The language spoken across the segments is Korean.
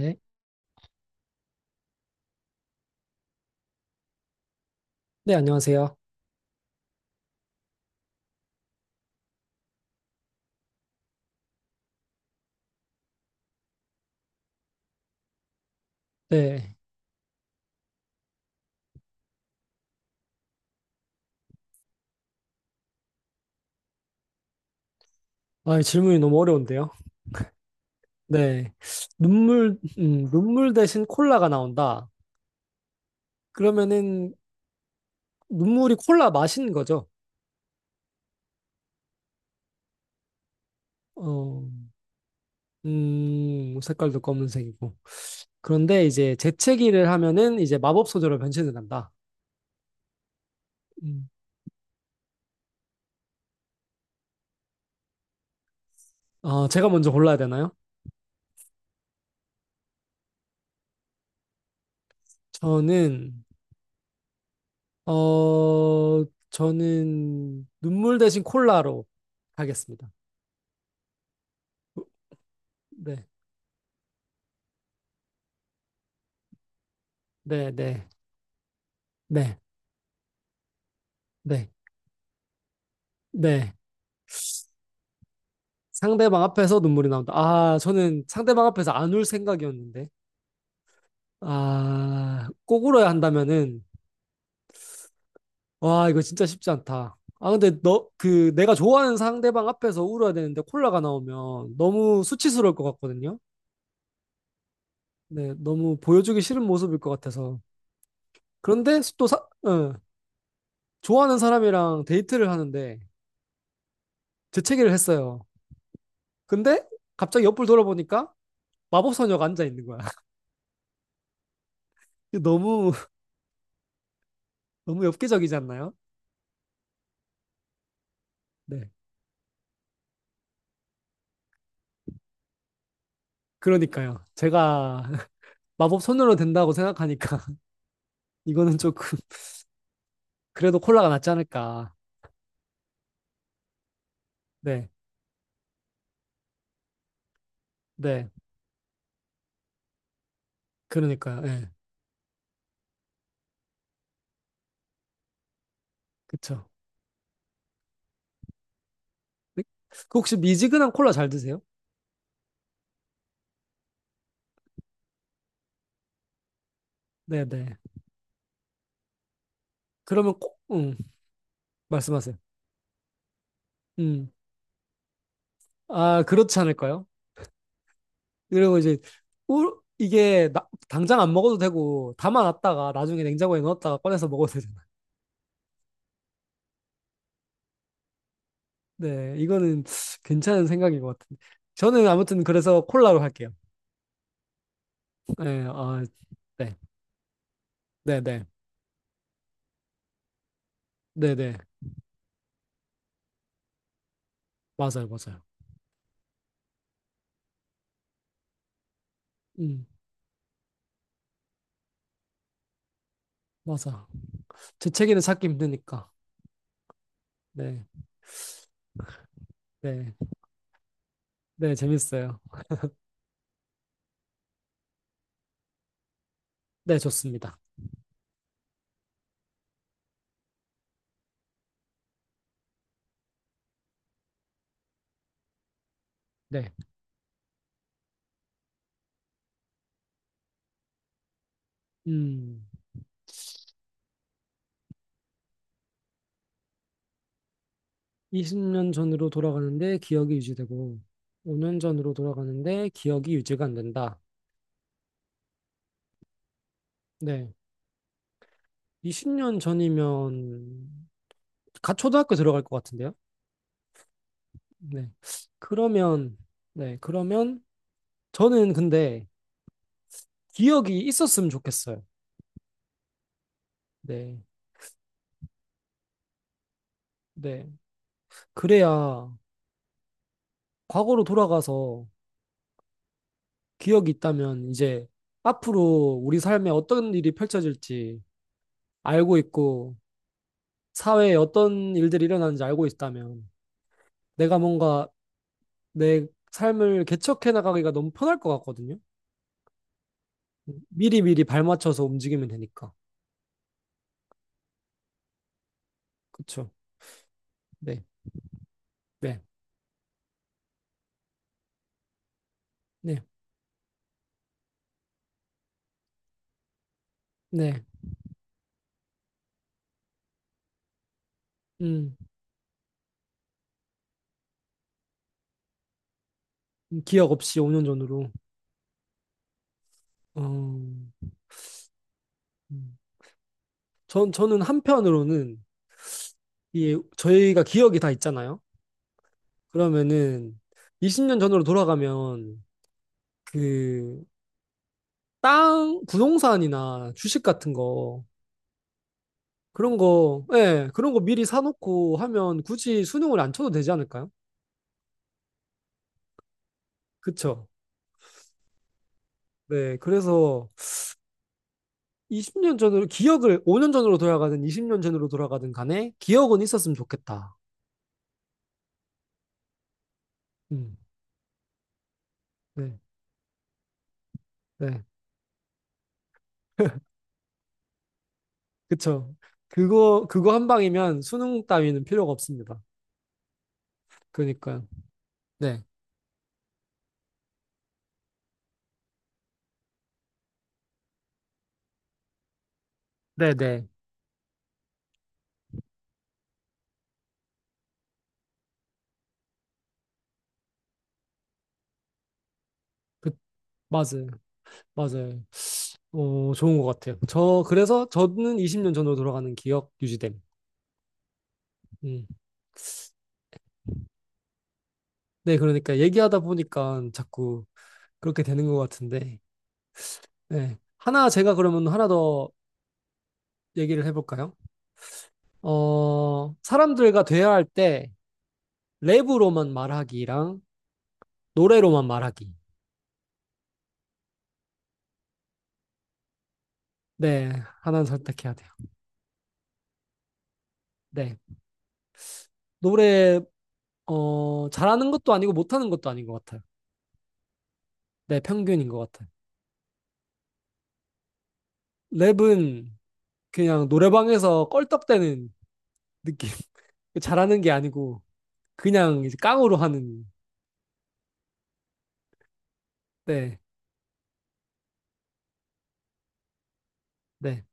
네. 네, 안녕하세요. 네. 아, 질문이 너무 어려운데요. 네. 눈물 대신 콜라가 나온다. 그러면은 눈물이 콜라 맛인 거죠. 어, 색깔도 검은색이고. 그런데 이제 재채기를 하면은 이제 마법 소재로 변신을 한다. 음. 제가 먼저 골라야 되나요? 저는, 어, 저는 눈물 대신 콜라로 하겠습니다. 네. 네, 네. 네. 네. 네. 상대방 앞에서 눈물이 나온다. 아, 저는 상대방 앞에서 안 울 생각이었는데. 아, 꼭 울어야 한다면은, 와, 이거 진짜 쉽지 않다. 아, 근데 내가 좋아하는 상대방 앞에서 울어야 되는데 콜라가 나오면 너무 수치스러울 것 같거든요. 네, 너무 보여주기 싫은 모습일 것 같아서. 그런데 또 좋아하는 사람이랑 데이트를 하는데 재채기를 했어요. 근데 갑자기 옆을 돌아보니까 마법소녀가 앉아 있는 거야. 너무, 너무 엽기적이지 않나요? 네. 그러니까요. 제가 마법 손으로 된다고 생각하니까 이거는 조금 그래도 콜라가 낫지 않을까. 네, 네, 그러니까요. 예, 그쵸. 네? 그 혹시 미지근한 콜라 잘 드세요? 네, 네. 그러면 꼭, 음, 말씀하세요. 음, 아, 그렇지 않을까요? 그리고 이제 이게 당장 안 먹어도 되고 담아놨다가 나중에 냉장고에 넣었다가 꺼내서 먹어도 되잖아요. 네, 이거는 괜찮은 생각인 것 같은데. 저는 아무튼 그래서 콜라로 할게요. 네, 아, 네, 네, 네. 네네. 맞아요, 맞아요. 음, 맞아. 제 책에는 찾기 힘드니까. 네, 네, 네, 재밌어요. 네, 좋습니다. 네. 음, 20년 전으로 돌아가는데 기억이 유지되고, 5년 전으로 돌아가는데 기억이 유지가 안 된다. 네. 20년 전이면, 갓 초등학교 들어갈 것 같은데요? 네. 그러면, 네, 그러면, 저는 근데 기억이 있었으면 좋겠어요. 네, 네. 그래야 과거로 돌아가서 기억이 있다면 이제 앞으로 우리 삶에 어떤 일이 펼쳐질지 알고 있고 사회에 어떤 일들이 일어나는지 알고 있다면 내가 뭔가 내 삶을 개척해 나가기가 너무 편할 것 같거든요. 미리 미리 발맞춰서 움직이면 되니까. 그쵸? 네, 네, 네, 네. 음, 기억 없이 5년 전으로. 어, 음. 저는 한편으로는 이 저희가 기억이 다 있잖아요. 그러면은 20년 전으로 돌아가면 그 땅, 부동산이나 주식 같은 거, 그런 거, 예, 그런 거 미리 사놓고 하면 굳이 수능을 안 쳐도 되지 않을까요? 그쵸. 네, 그래서 20년 전으로, 기억을 5년 전으로 돌아가든 20년 전으로 돌아가든 간에 기억은 있었으면 좋겠다. 음, 네, 네, 그쵸. 그거 한 방이면 수능 따위는 필요가 없습니다. 그러니까요. 네, 네, 네. 그, 맞아요. 맞아요. 어, 좋은 것 같아요. 그래서 저는 20년 전으로 돌아가는 기억 유지됨. 음. 네, 그러니까 얘기하다 보니까 자꾸 그렇게 되는 것 같은데, 네. 하나 제가 그러면 하나 더 얘기를 해볼까요? 어, 사람들과 대화할 때 랩으로만 말하기랑 노래로만 말하기. 네, 하나는 선택해야 돼요. 네. 노래, 잘하는 것도 아니고 못하는 것도 아닌 것 같아요. 네, 평균인 것 같아요. 랩은 그냥 노래방에서 껄떡대는 느낌. 잘하는 게 아니고 그냥 이제 깡으로 하는, 네. 네.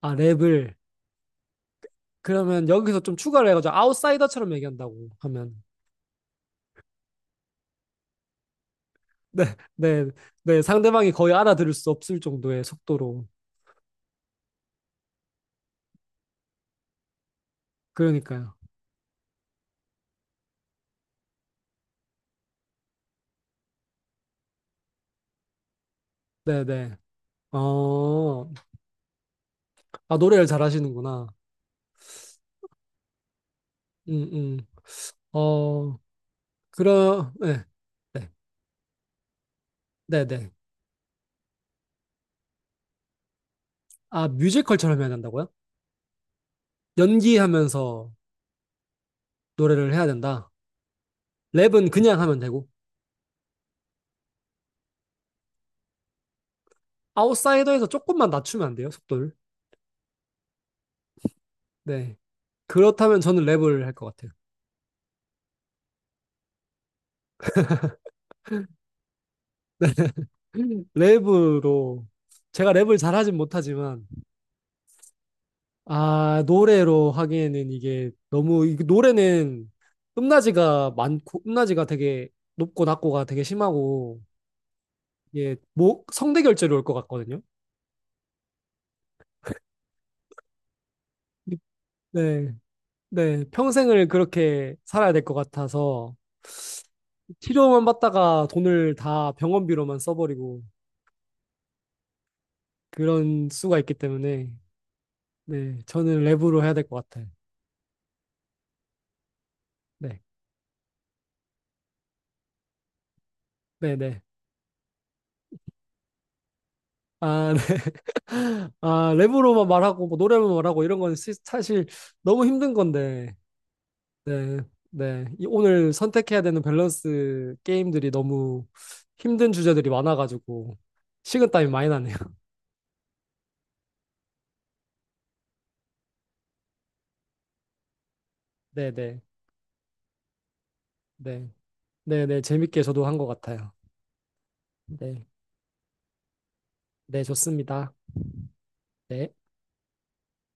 아, 랩을. 그러면 여기서 좀 추가를 해가지고 아웃사이더처럼 얘기한다고 하면. 네, 네, 네. 상대방이 거의 알아들을 수 없을 정도의 속도로. 그러니까요. 네, 네. 어, 아, 노래를 잘하시는구나. 음, 음. 어, 그럼, 네, 네, 네, 네. 아, 뮤지컬처럼 해야 된다고요? 연기하면서 노래를 해야 된다. 랩은 그냥 하면 되고. 아웃사이더에서 조금만 낮추면 안 돼요, 속도를. 네. 그렇다면 저는 랩을 할 것 같아요. 랩으로 제가 랩을 잘하진 못하지만 아 노래로 하기에는 이게 너무 이 노래는 음낮이가 많고 음낮이가 되게 높고 낮고가 되게 심하고 이게 목 성대 결절이 올 것 같거든요. 네. 네, 평생을 그렇게 살아야 될 것 같아서 치료만 받다가 돈을 다 병원비로만 써버리고 그런 수가 있기 때문에 네, 저는 랩으로 해야 될 것 같아요. 네, 네, 네. 아, 네. 아, 랩으로만 말하고, 뭐, 노래만 말하고, 이런 건 사실 너무 힘든 건데, 네, 네. 이 오늘 선택해야 되는 밸런스 게임들이 너무 힘든 주제들이 많아가지고, 식은땀이 많이 나네요. 네, 네, 네. 네, 네. 재밌게 저도 한 것 같아요. 네, 네, 좋습니다. 네.